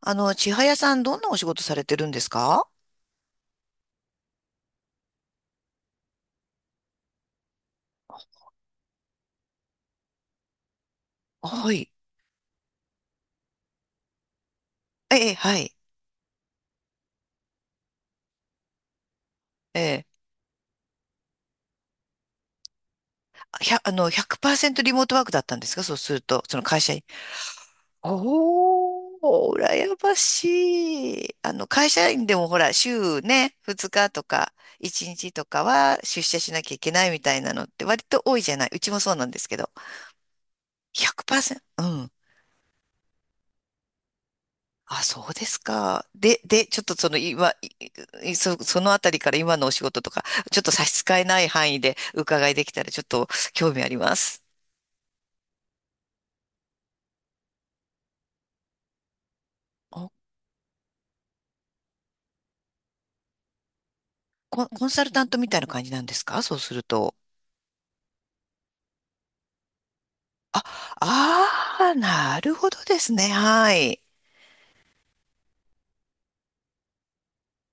千早さん、どんなお仕事されてるんですか？はい。ええ、はい。ええ、100%リモートワークだったんですか？そうすると、その会社員。おー、羨ましい。会社員でもほら、週ね、2日とか、1日とかは出社しなきゃいけないみたいなのって割と多いじゃない。うちもそうなんですけど。100%？ うん。あ、そうですか。で、ちょっとその今、いいそ、そのあたりから今のお仕事とか、ちょっと差し支えない範囲で伺いできたらちょっと興味あります。お。コンサルタントみたいな感じなんですか？そうすると。あ、ああ、なるほどですね。はい。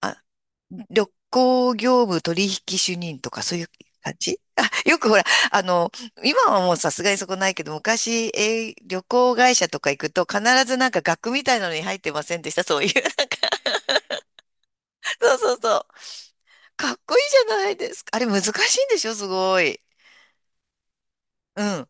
あ、旅行業務取引主任とかそういう感じ。あ、よくほら、あの、今はもうさすがにそこないけど、昔、旅行会社とか行くと必ずなんか額みたいなのに入ってませんでした、そういう。そうそうそう。かっこいいじゃないですか。あれ難しいんでしょ？すごい。うん。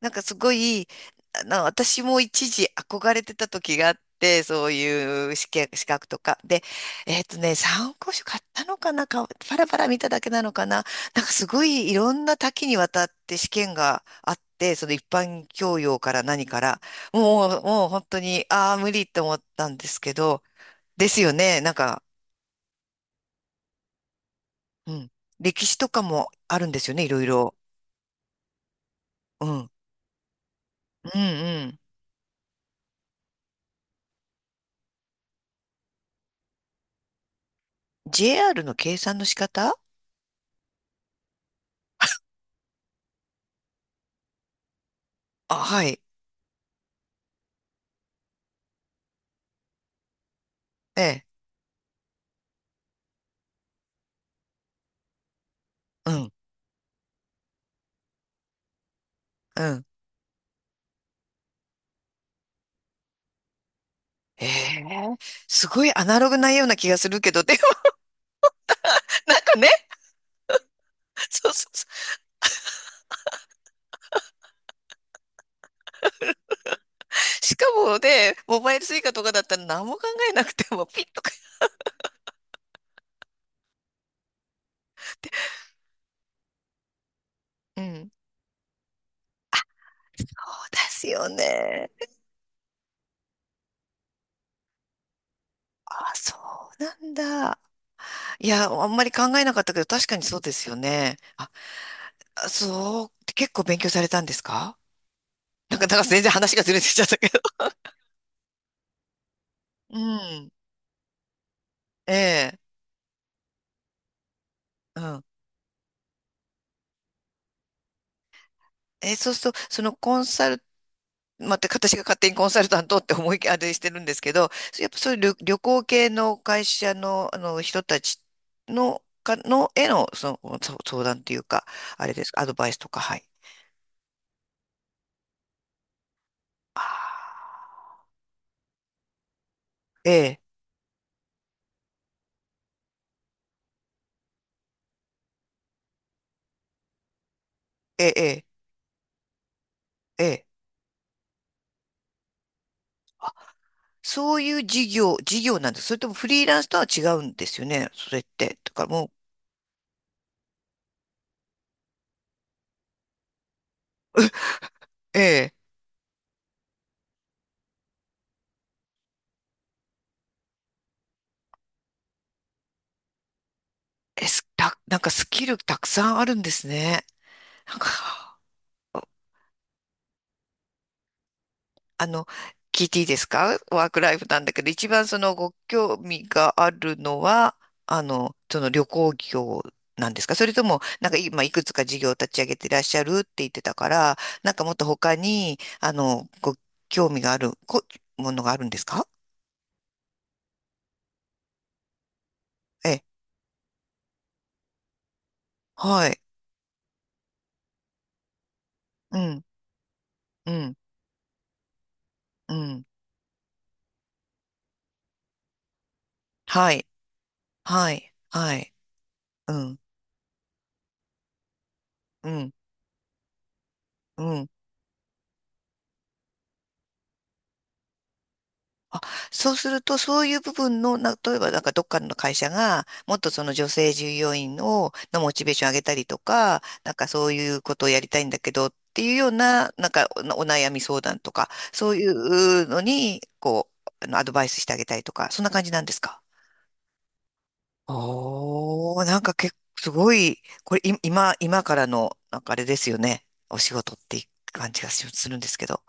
なんかすごい、私も一時憧れてた時があって、そういう試験、資格とか。で、参考書買ったのかなパラパラ見ただけなのかな。なんかすごいいろんな多岐にわたって試験があって、その一般教養から何から、もう本当に、ああ、無理って思ったんですけど、ですよね。なんか、うん。歴史とかもあるんですよね、いろいろ。うん。うんうん。JR の計算の仕方？あ、はい。ええ。うん。うん。ええ。すごいアナログなような気がするけど、でもなんかね、そうそうそう。しかもね、モバイルスイカとかだったら何も考えなくてもピッとか。うん。そうですよね。あ、そうなんだ。いや、あんまり考えなかったけど、確かにそうですよね。あ、あそう。結構勉強されたんですか？なんか、全然話がずれてきちゃったけど。うん。ええ。うん。そうすると、そのコンサル、また私が勝手にコンサルタントって思いあれしてるんですけど、やっぱそういう旅行系の会社の、あの人たちの、の、への、その、そ相談っていうか、あれですか、アドバイスとか、はい。ああ、ええ、ええ、ええ、ええ。そういう事業なんです。それともフリーランスとは違うんですよね、それって。とかもう、ええ、え、すた、なんかスキルたくさんあるんですね。なんか、あの、聞いていいですか？ワークライフなんだけど、一番そのご興味があるのは、その旅行業なんですか？それとも、なんか今いくつか事業を立ち上げていらっしゃるって言ってたから、なんかもっと他に、ご興味があるものがあるんですか？え、はい。うん、うん、うん。はい、はい、はい。うん、うん、うん。あ、そうすると、そういう部分の、例えばなんかどっかの会社が、もっとその女性従業員を、のモチベーション上げたりとか、なんかそういうことをやりたいんだけどっていうような、なんかお悩み相談とか、そういうのに、こう、アドバイスしてあげたりとか、そんな感じなんですか？おー、なんか結構すごい、これい今からの、なんかあれですよね。お仕事っていう感じがしするんですけど。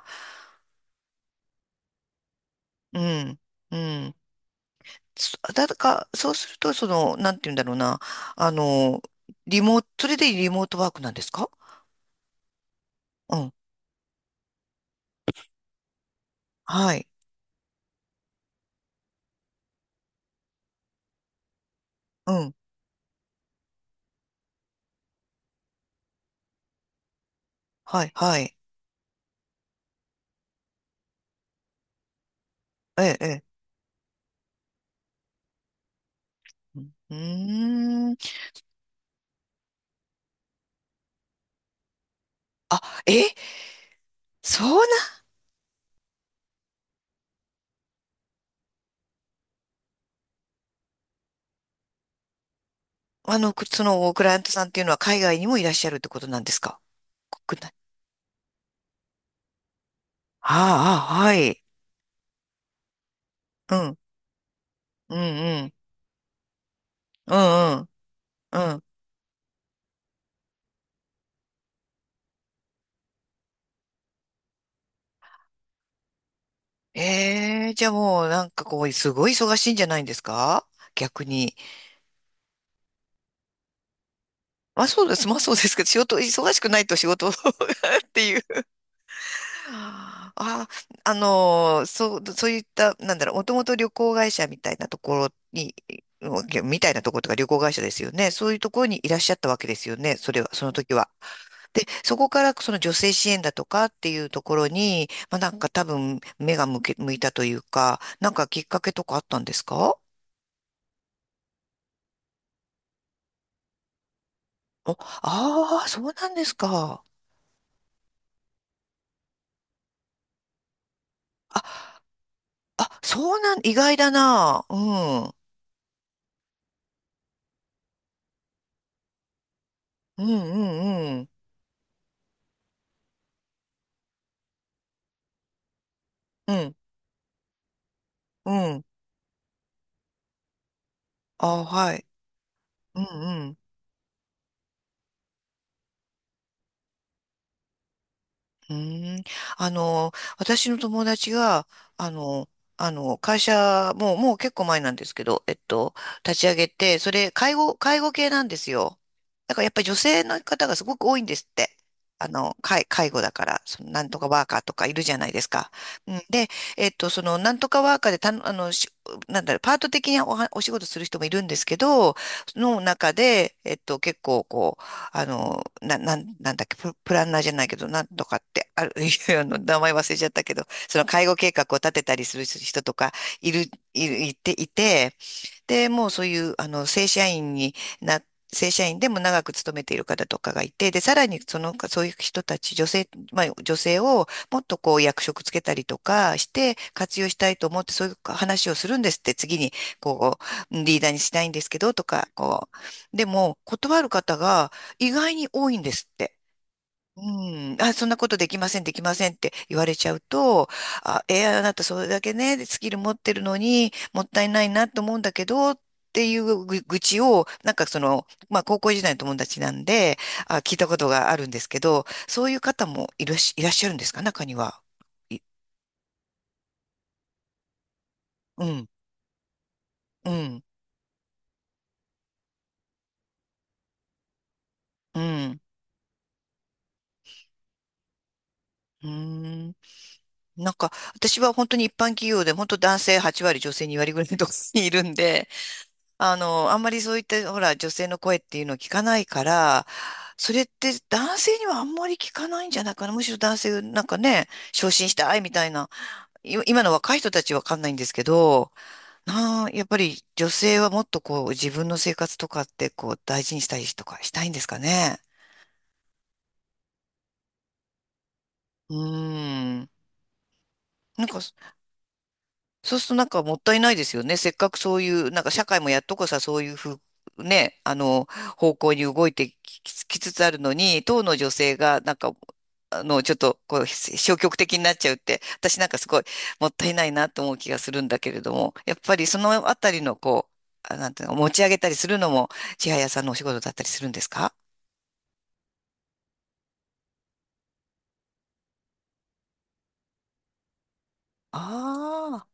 うん、うん。そだか、そうすると、その、なんて言うんだろうな。あの、リモート、それでリモートワークなんですか？うん。はい。うん。はい、はい。ええ、ええ。うん。うーん。あ、え、そうな、くその、クライアントさんっていうのは海外にもいらっしゃるってことなんですか？国内。ああ、あはい。うん。うん、うん。うん、うん。うん。ええ、じゃあもう、なんかこう、すごい忙しいんじゃないんですか？逆に。まあ、そうです。まあそうですけど、仕事、忙しくないと仕事 っていう。あ、そういった、なんだろう、もともと旅行会社みたいなところとか旅行会社ですよね。そういうところにいらっしゃったわけですよね。それは、その時は。で、そこからその女性支援だとかっていうところに、まあなんか多分目が向いたというか、なんかきっかけとかあったんですか？お、ああー、そうなんですか。あ、あそうなん、意外だな。うん。うんうんうん。うんうん。あ、はい。うんうん。うーん。あの、私の友達が、あの、会社、もう結構前なんですけど、立ち上げて、介護系なんですよ。だからやっぱり女性の方がすごく多いんですって。介護だから、なんとかワーカーとかいるじゃないですか。うん、で、なんとかワーカーでたの、しなんだろう、パート的にお仕事する人もいるんですけど、の中で、結構、こう、なんだっけ、プランナーじゃないけど、なんとかって、ある、いや名前忘れちゃったけど、その介護計画を立てたりする人とか、いて、で、もうそういう、な、正社員でも長く勤めている方とかがいて、で、さらにその、そういう人たち、女性をもっとこう役職つけたりとかして活用したいと思って、そういう話をするんですって、次に、こう、リーダーにしないんですけど、とか、こう。でも、断る方が意外に多いんですって。うん、あ、そんなことできません、できませんって言われちゃうと、あ、あなたそれだけね、スキル持ってるのにもったいないなと思うんだけど、っていうぐ愚痴を、なんかその、まあ高校時代の友達なんで、あ、聞いたことがあるんですけど、そういう方もいらっしゃるんですか、中には。いうん、うん、うん。うーん、なんか、私は本当に一般企業で、本当男性8割、女性2割ぐらいのところにいるんで、あんまりそういった、ほら、女性の声っていうのを聞かないから、それって男性にはあんまり聞かないんじゃないかな。むしろ男性、なんかね、昇進したいみたいな、い今の若い人たちわかんないんですけど、なあ、やっぱり女性はもっとこう、自分の生活とかってこう、大事にしたりとかしたいんですかね。うーん。なんか、そうするとなんかもったいないですよね。せっかくそういう、なんか社会もやっとこさ、そういうね、方向に動いてきききつつあるのに、当の女性が、なんか、ちょっと、こう、消極的になっちゃうって、私なんかすごいもったいないなと思う気がするんだけれども、やっぱりそのあたりの、こう、あなんていうの、持ち上げたりするのも、千早さんのお仕事だったりするんですか？あ